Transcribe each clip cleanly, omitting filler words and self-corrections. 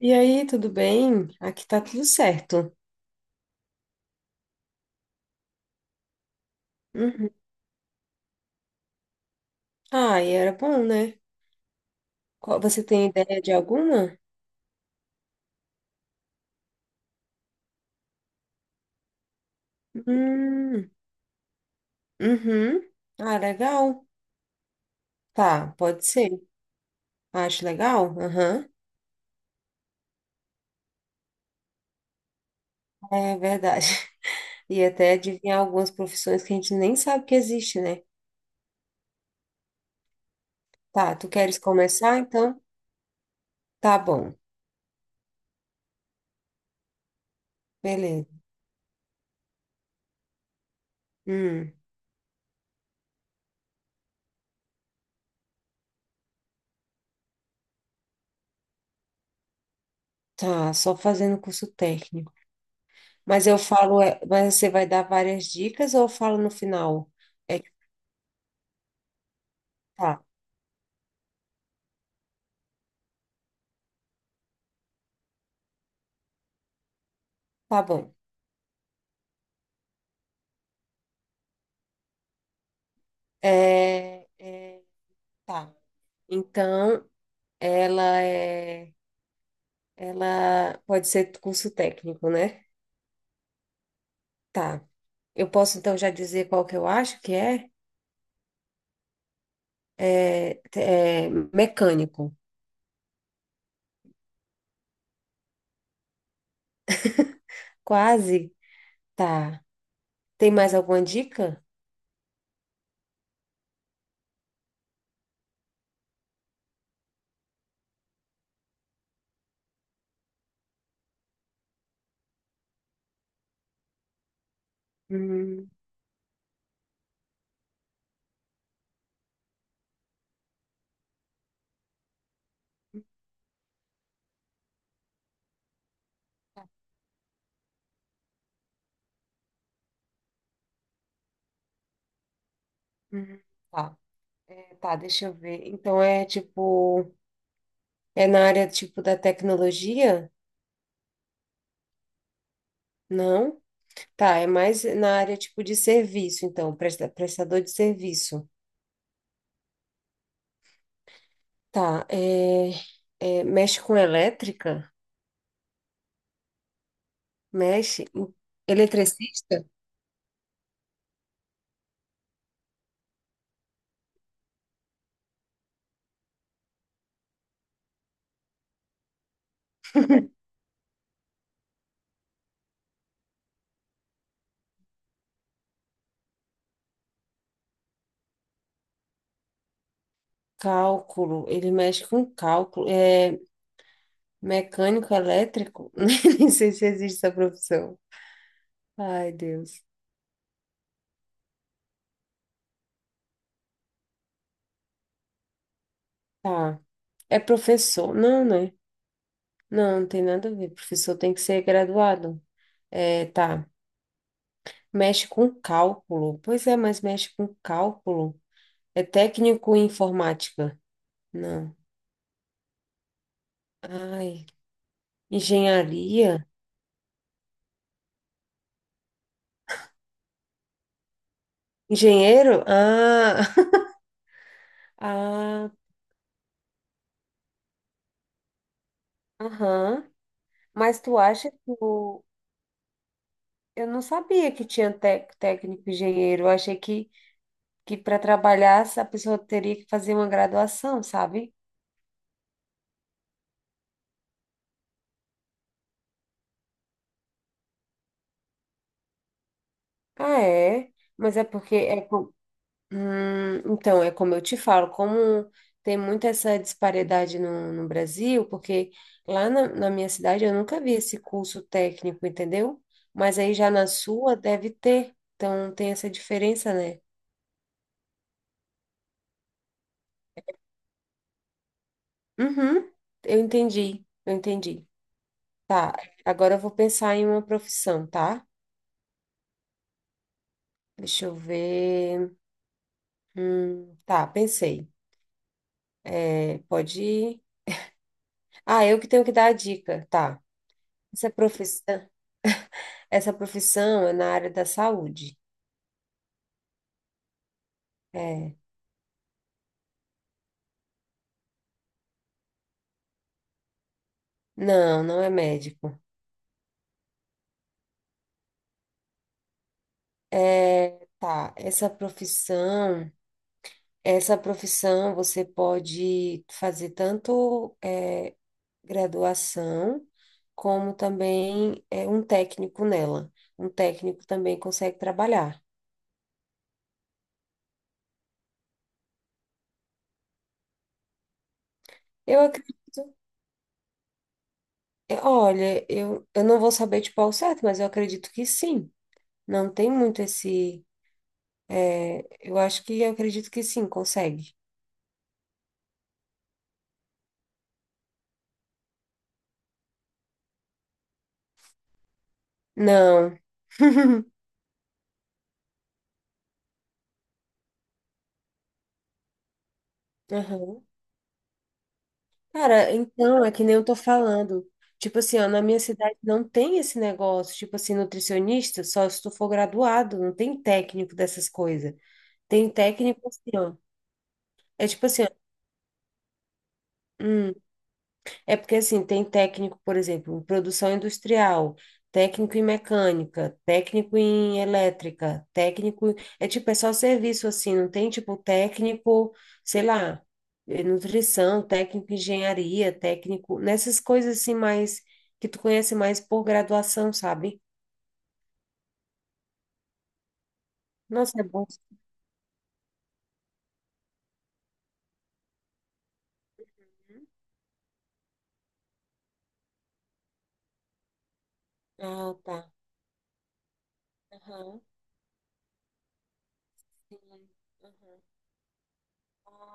E aí, tudo bem? Aqui tá tudo certo. Uhum. Ah, e era bom, né? Qual- Você tem ideia de alguma? Hum, uhum. Ah, legal. Tá, pode ser. Acho legal. Aham. É verdade. E até adivinhar algumas profissões que a gente nem sabe que existe, né? Tá, tu queres começar? Então, tá bom. Beleza. Hum, tá, só fazendo curso técnico. Mas eu falo, mas você vai dar várias dicas ou eu falo no final? É que tá, tá bom. É, é, tá. Então, ela é, ela pode ser curso técnico, né? Tá. Eu posso então já dizer qual que eu acho que é? É mecânico. Quase. Tá. Tem mais alguma dica? Hum, hum, tá. Tá, deixa eu ver. É na área tipo da tecnologia? Não? Tá, é mais na área tipo de serviço, então, prestador de serviço. Tá, mexe com elétrica, mexe, eletricista, cálculo, ele mexe com cálculo, mecânico elétrico, nem sei se existe essa profissão. Ai, Deus. Tá, é professor, não, né? Não, não tem nada a ver, professor tem que ser graduado. É, tá, mexe com cálculo, pois é, mas mexe com cálculo. É técnico em informática, não. Ai, engenharia. Engenheiro? Ah, aham. Mas tu acha que o... Eu não sabia que tinha técnico engenheiro. Eu achei que para trabalhar essa pessoa teria que fazer uma graduação, sabe? Ah, é? Mas é porque é com... então, é como eu te falo, como tem muita essa disparidade no Brasil, porque lá na minha cidade eu nunca vi esse curso técnico, entendeu? Mas aí já na sua deve ter. Então tem essa diferença, né? Uhum, eu entendi. Tá, agora eu vou pensar em uma profissão, tá? Deixa eu ver. Tá, pensei. É, pode ir. Ah, eu que tenho que dar a dica, tá. Essa profissão, essa profissão é na área da saúde. É. Não, não é médico. É, tá, essa profissão você pode fazer tanto. Graduação, como também é um técnico nela. Um técnico também consegue trabalhar. Eu acredito, olha, eu não vou saber tipo ao certo, mas eu acredito que sim. Não tem muito esse. Eu acho que eu acredito que sim, consegue. Não. Aham. Cara, então, é que nem eu tô falando. Tipo assim, ó, na minha cidade não tem esse negócio, tipo assim, nutricionista, só se tu for graduado, não tem técnico dessas coisas. Tem técnico assim, ó. É tipo assim, ó, hum, é porque assim, tem técnico, por exemplo, em produção industrial, técnico em mecânica, técnico em elétrica, técnico. É tipo, é só serviço assim, não tem tipo técnico, sei lá, nutrição, técnico em engenharia, técnico, nessas coisas assim mais que tu conhece mais por graduação, sabe? Nossa, é bom. Ah, tá. Aham. Sim. Aham.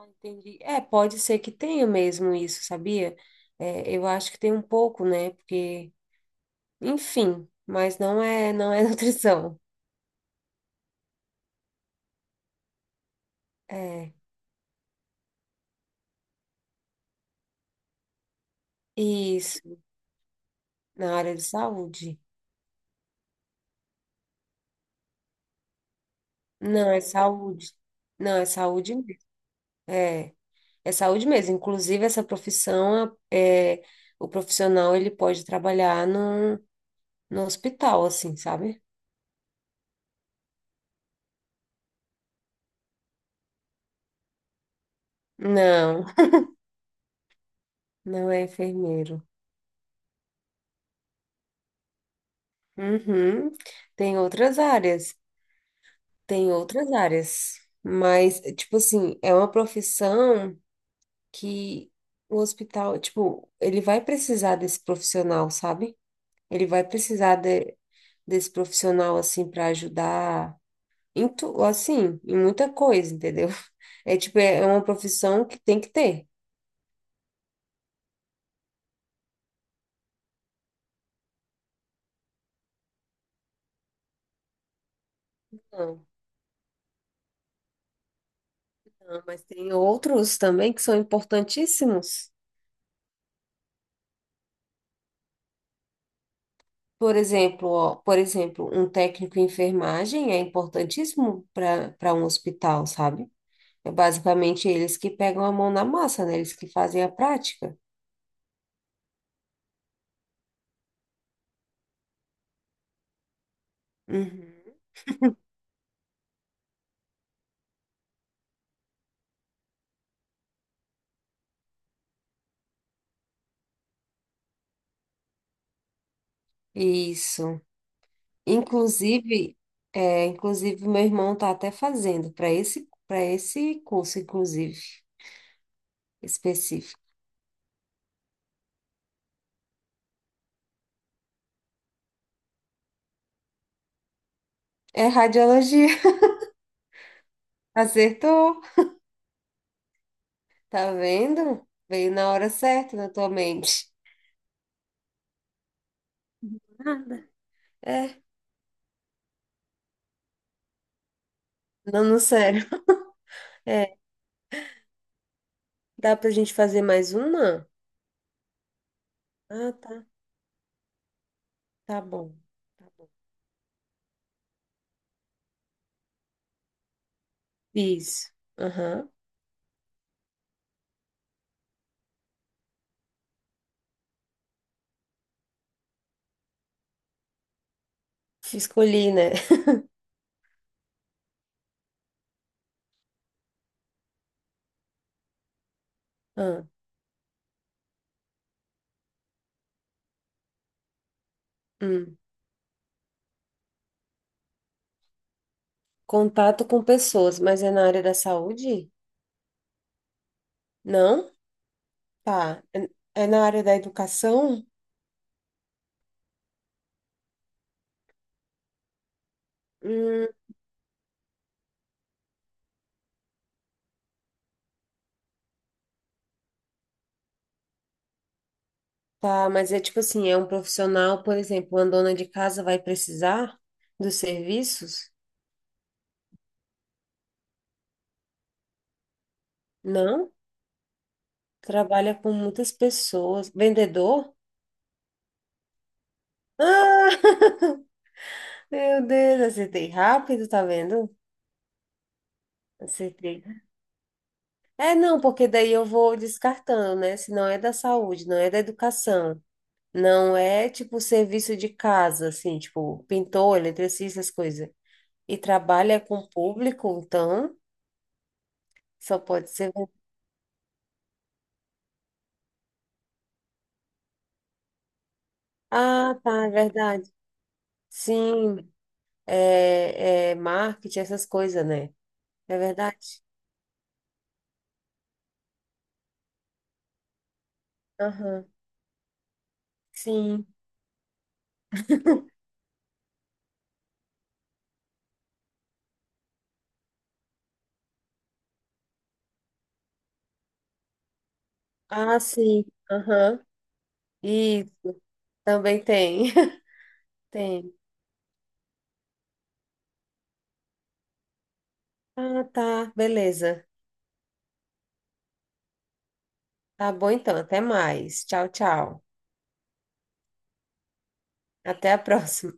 Entendi. É, pode ser que tenha mesmo isso, sabia? É, eu acho que tem um pouco, né? Porque, enfim, não é nutrição. É, isso, na área de saúde. Não, é saúde. Não, é saúde mesmo. É, É saúde mesmo. Inclusive, essa profissão, o profissional, ele pode trabalhar no hospital, assim, sabe? Não, não é enfermeiro. Uhum. Tem outras áreas. Tem outras áreas, mas, tipo assim, é uma profissão que o hospital, tipo, ele vai precisar desse profissional, sabe? Ele vai precisar de- desse profissional, assim, para ajudar em tu, assim, em muita coisa, entendeu? É tipo, é uma profissão que tem que ter. Não, não, mas tem outros também que são importantíssimos. Por exemplo, ó, por exemplo, um técnico em enfermagem é importantíssimo para um hospital, sabe? É basicamente eles que pegam a mão na massa, né? Eles que fazem a prática. Uhum. Isso. Inclusive, inclusive meu irmão tá até fazendo para esse curso, inclusive, específico. É radiologia. Acertou. Tá vendo? Veio na hora certa na tua mente. Nada. É. Não, não, sério. É. Dá pra gente fazer mais uma? Ah, tá. Tá bom. Tá bom. Isso. Aham. Escolhi, né? Ah, hum. Contato com pessoas, mas é na área da saúde? Não? Tá. É na área da educação? Hum, tá, mas é tipo assim, é um profissional, por exemplo, uma dona de casa vai precisar dos serviços? Não? Trabalha com muitas pessoas. Vendedor? Ah! Meu Deus, acertei rápido, tá vendo? Acertei. É, não, porque daí eu vou descartando, né? Se não é da saúde, não é da educação. Não é tipo serviço de casa, assim, tipo pintor, eletricista, essas coisas. E trabalha com público, então só pode ser. Ah, tá, é verdade. Sim, é marketing, essas coisas, né? É verdade? Aham, Sim. Ah, sim. Aham. E também tem. Tem. Ah, tá, beleza. Tá bom então, até mais. Tchau, tchau. Até a próxima.